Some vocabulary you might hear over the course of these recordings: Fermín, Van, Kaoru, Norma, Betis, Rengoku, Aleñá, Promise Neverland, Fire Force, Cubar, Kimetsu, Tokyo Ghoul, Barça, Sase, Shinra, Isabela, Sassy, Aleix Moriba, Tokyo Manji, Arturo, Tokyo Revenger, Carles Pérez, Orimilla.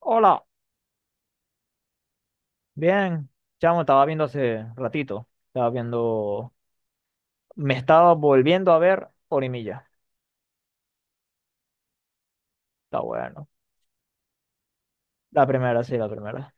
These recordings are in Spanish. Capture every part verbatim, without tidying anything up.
Hola, bien, chamo, estaba viendo hace ratito, estaba viendo, me estaba volviendo a ver Orimilla, está bueno, la primera, sí, la primera.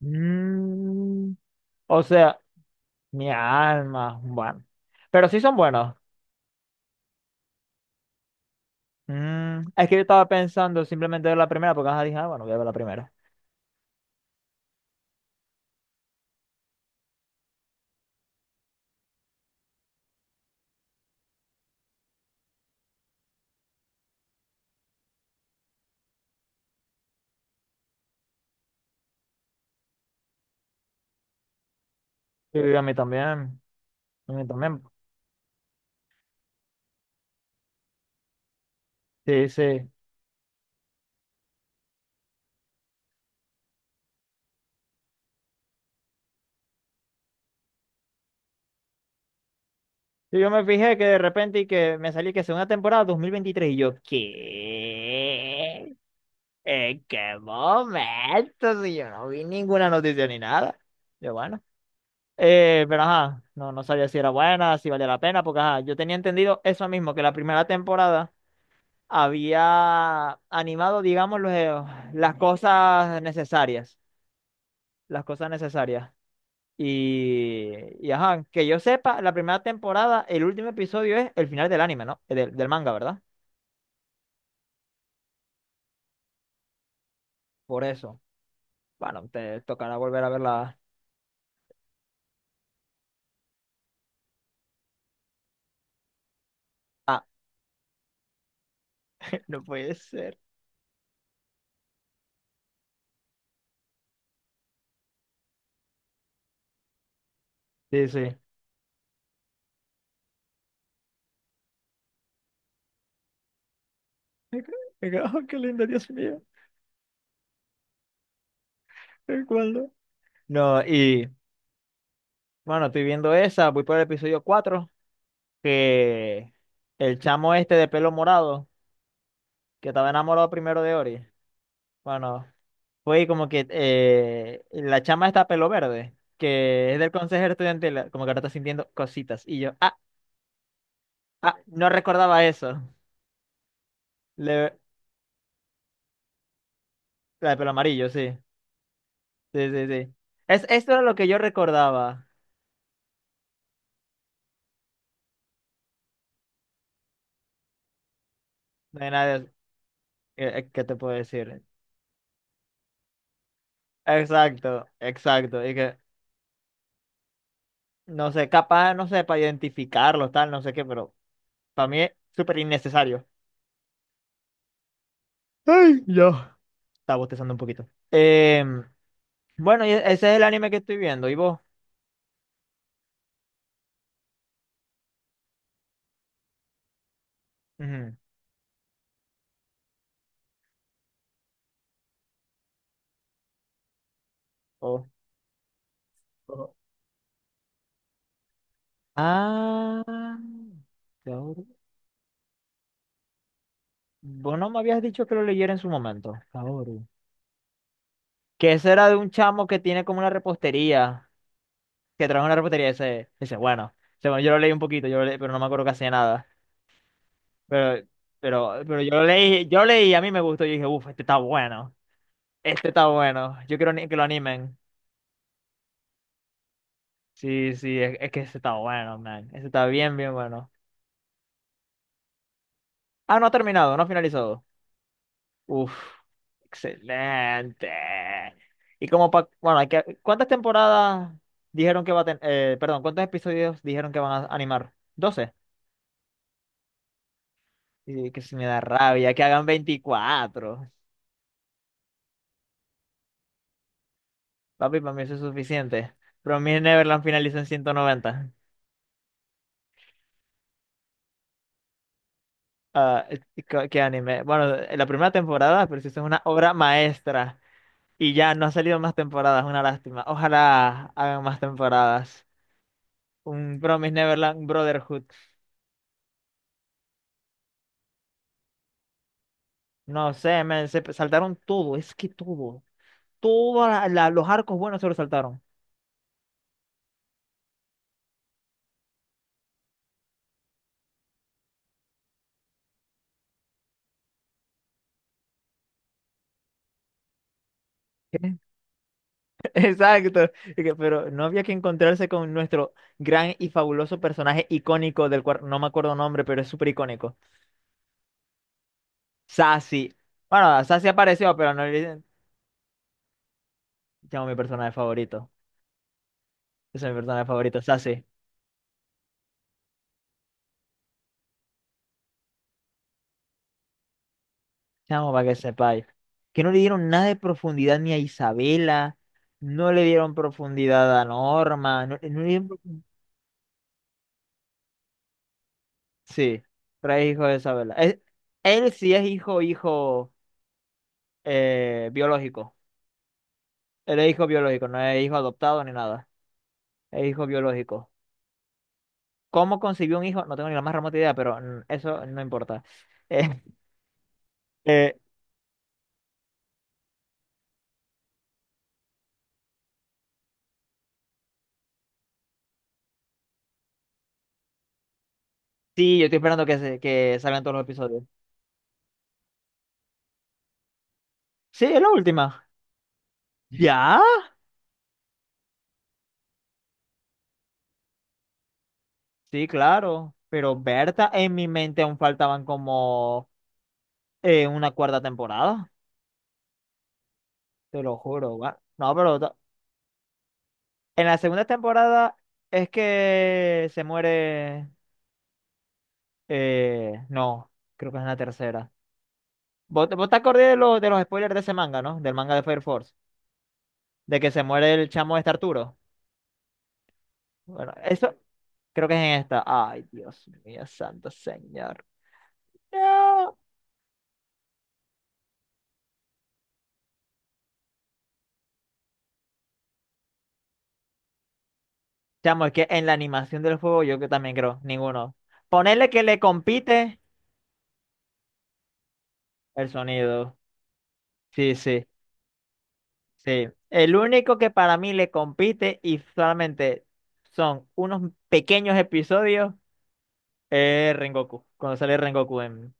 Mm, o sea, mi alma, bueno, pero sí son buenos. Mm, es que yo estaba pensando simplemente ver la primera, porque ajá, dije, ah, bueno, voy a ver la primera. Y a mí también, a mí también, sí, sí. Y yo me fijé que de repente y que me salí que segunda temporada dos mil veintitrés y yo, ¿qué? ¿En qué momento? Si yo no vi ninguna noticia ni nada. Yo, bueno. Eh, pero ajá, no, no sabía si era buena, si valía la pena, porque ajá, yo tenía entendido eso mismo, que la primera temporada había animado, digamos, los, eh, las cosas necesarias. Las cosas necesarias. Y, y ajá, que yo sepa, la primera temporada, el último episodio es el final del anime, ¿no? Eh, Del, del manga, ¿verdad? Por eso. Bueno, te tocará volver a verla. Ah, no puede ser. Sí, sí. Me quedo, oh, qué lindo, Dios mío. ¿El cuándo? No, y bueno, estoy viendo esa, voy por el episodio cuatro que el chamo este de pelo morado, que estaba enamorado primero de Ori, bueno, fue como que eh, la chama está pelo verde, que es del consejero estudiantil, como que ahora está sintiendo cositas, y yo, ah, ah, no recordaba eso. Le- la de pelo amarillo, sí, sí, sí, sí. Es, esto era lo que yo recordaba, no hay nada, eh, eh, ¿qué te puedo decir? Exacto, exacto. Y que no sé, capaz, no sé, para identificarlos, tal, no sé qué, pero para mí es súper innecesario. Ay, ya. Estaba bostezando un poquito. Em, bueno, y ese es el anime que estoy viendo. ¿Y vos? Ujú. Oh, oh. Ah, Kaoru. Vos no me habías dicho que lo leyera en su momento. Kaoru. Que ese era de un chamo que tiene como una repostería. Que trabaja en una repostería. Ese, ese, bueno. Ese, bueno, yo lo leí un poquito, yo lo leí, pero no me acuerdo casi de nada. Pero, pero, pero yo lo leí, yo leí y a mí me gustó. Yo dije, uff, este está bueno. Este está bueno. Yo quiero ni- que lo animen. Sí, sí, es, es que este está bueno, man. Este está bien, bien bueno. Ah, no ha terminado, no ha finalizado. Uff, excelente. Y como pa, bueno, hay que, ¿cuántas temporadas dijeron que va a tener? Eh, perdón, ¿cuántos episodios dijeron que van a animar? Doce. Y que se me da rabia, que hagan veinticuatro. Papi, para mí eso es suficiente. Pero mi Neverland finalizó en ciento noventa. Ah, eh, ¿qué qué anime? Bueno, eh, la primera temporada, pero sí es una obra maestra y ya no ha salido más temporadas, una lástima. Ojalá hagan más temporadas. Un Promise Neverland Brotherhood. No sé, men, se saltaron todo, es que todo. Todos los arcos buenos se los saltaron. ¿Qué? Exacto. Y que- Pero no había que encontrarse con nuestro gran y fabuloso personaje icónico del cual no me acuerdo nombre, pero es súper icónico. Sassy. Bueno, Sassy apareció, pero no le llamo mi personaje favorito. Esa es mi personaje favorito, Sase. Chamo, para que sepáis. Que no le dieron nada de profundidad ni a Isabela. No le dieron profundidad a Norma. No, no le dieron profu- Sí, trae hijo de Isabela. Es- él sí es hijo, hijo eh, biológico. Él es hijo biológico, no es hijo adoptado ni nada. Es hijo biológico. ¿Cómo concibió un hijo? No tengo ni la más remota idea, pero mm, eso no importa. Eh, eh, sí, yo estoy esperando que, se- que salgan todos los episodios. Sí, es la última. ¿Ya? Sí, claro, pero Berta, en mi mente aún faltaban como eh, una cuarta temporada, te lo juro, va. No, pero ta- en la segunda temporada es que se muere, eh, no, creo que es en la tercera. ¿Vos, te- vos te acordás de, los de los spoilers de ese manga, ¿no? Del manga de Fire Force, de que se muere el chamo este Arturo. Bueno, eso creo que es en esta. Ay, Dios mío, santo señor. No. Chamo, es que en la animación del juego yo que también creo, ninguno. Ponerle que le compite el sonido. Sí, sí, sí. El único que para mí le compite y solamente son unos pequeños episodios es Rengoku, cuando sale Rengoku en,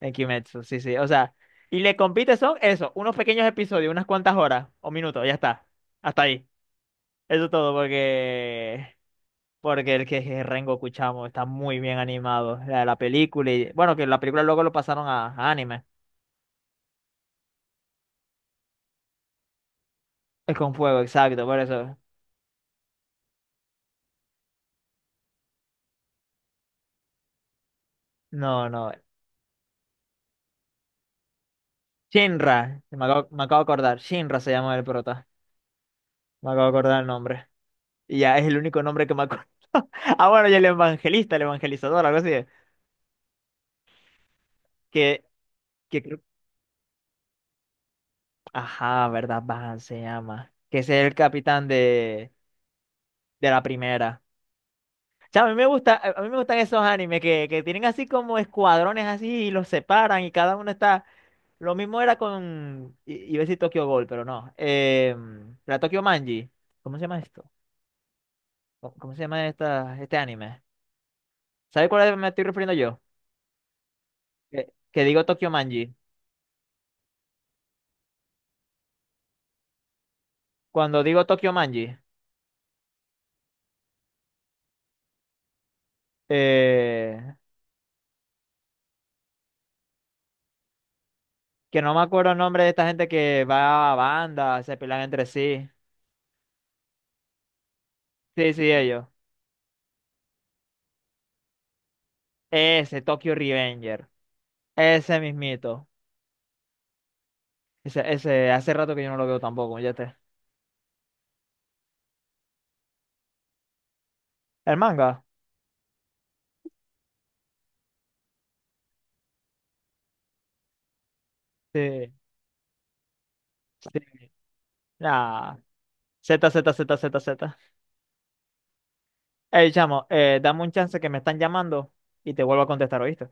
en Kimetsu. Sí, sí, o sea, y le compite son eso, unos pequeños episodios, unas cuantas horas o minutos, ya está. Hasta ahí. Eso es todo, porque Porque el que es Rengoku, chamo, está muy bien animado. La, la película y... Bueno, que la película luego lo pasaron a, a anime. Es con fuego, exacto, por eso. No, no. Shinra. Me acabo, me acabo de acordar. Shinra se llama el prota. Me acabo de acordar el nombre. Y ya es el único nombre que me acuerdo. Ah, bueno, y el evangelista, el evangelizador, algo así. Que, que... creo- Ajá, ¿verdad? Van se llama. Que ese es el capitán de, de la primera. Chao, a mí me gusta, a mí me gustan esos animes que, que tienen así como escuadrones así y los separan y cada uno está. Lo mismo era con. i- Iba a decir Tokyo Ghoul, pero no. Eh, la Tokyo Manji. ¿Cómo se llama esto? ¿Cómo, cómo se llama esta, este anime? ¿Sabes cuál me estoy refiriendo yo? Que, que digo Tokyo Manji. Cuando digo Tokyo Manji, eh, que no me acuerdo el nombre de esta gente que va a bandas, se pelean entre sí. Sí, sí, ellos. Ese, Tokyo Revenger. Ese mismito. Ese, ese, hace rato que yo no lo veo tampoco, ya te. ¿El manga? Sí, sí. Nah. Z, Z, Z, Z, Z. Ey, chamo, eh, dame un chance que me están llamando y te vuelvo a contestar, ¿oíste?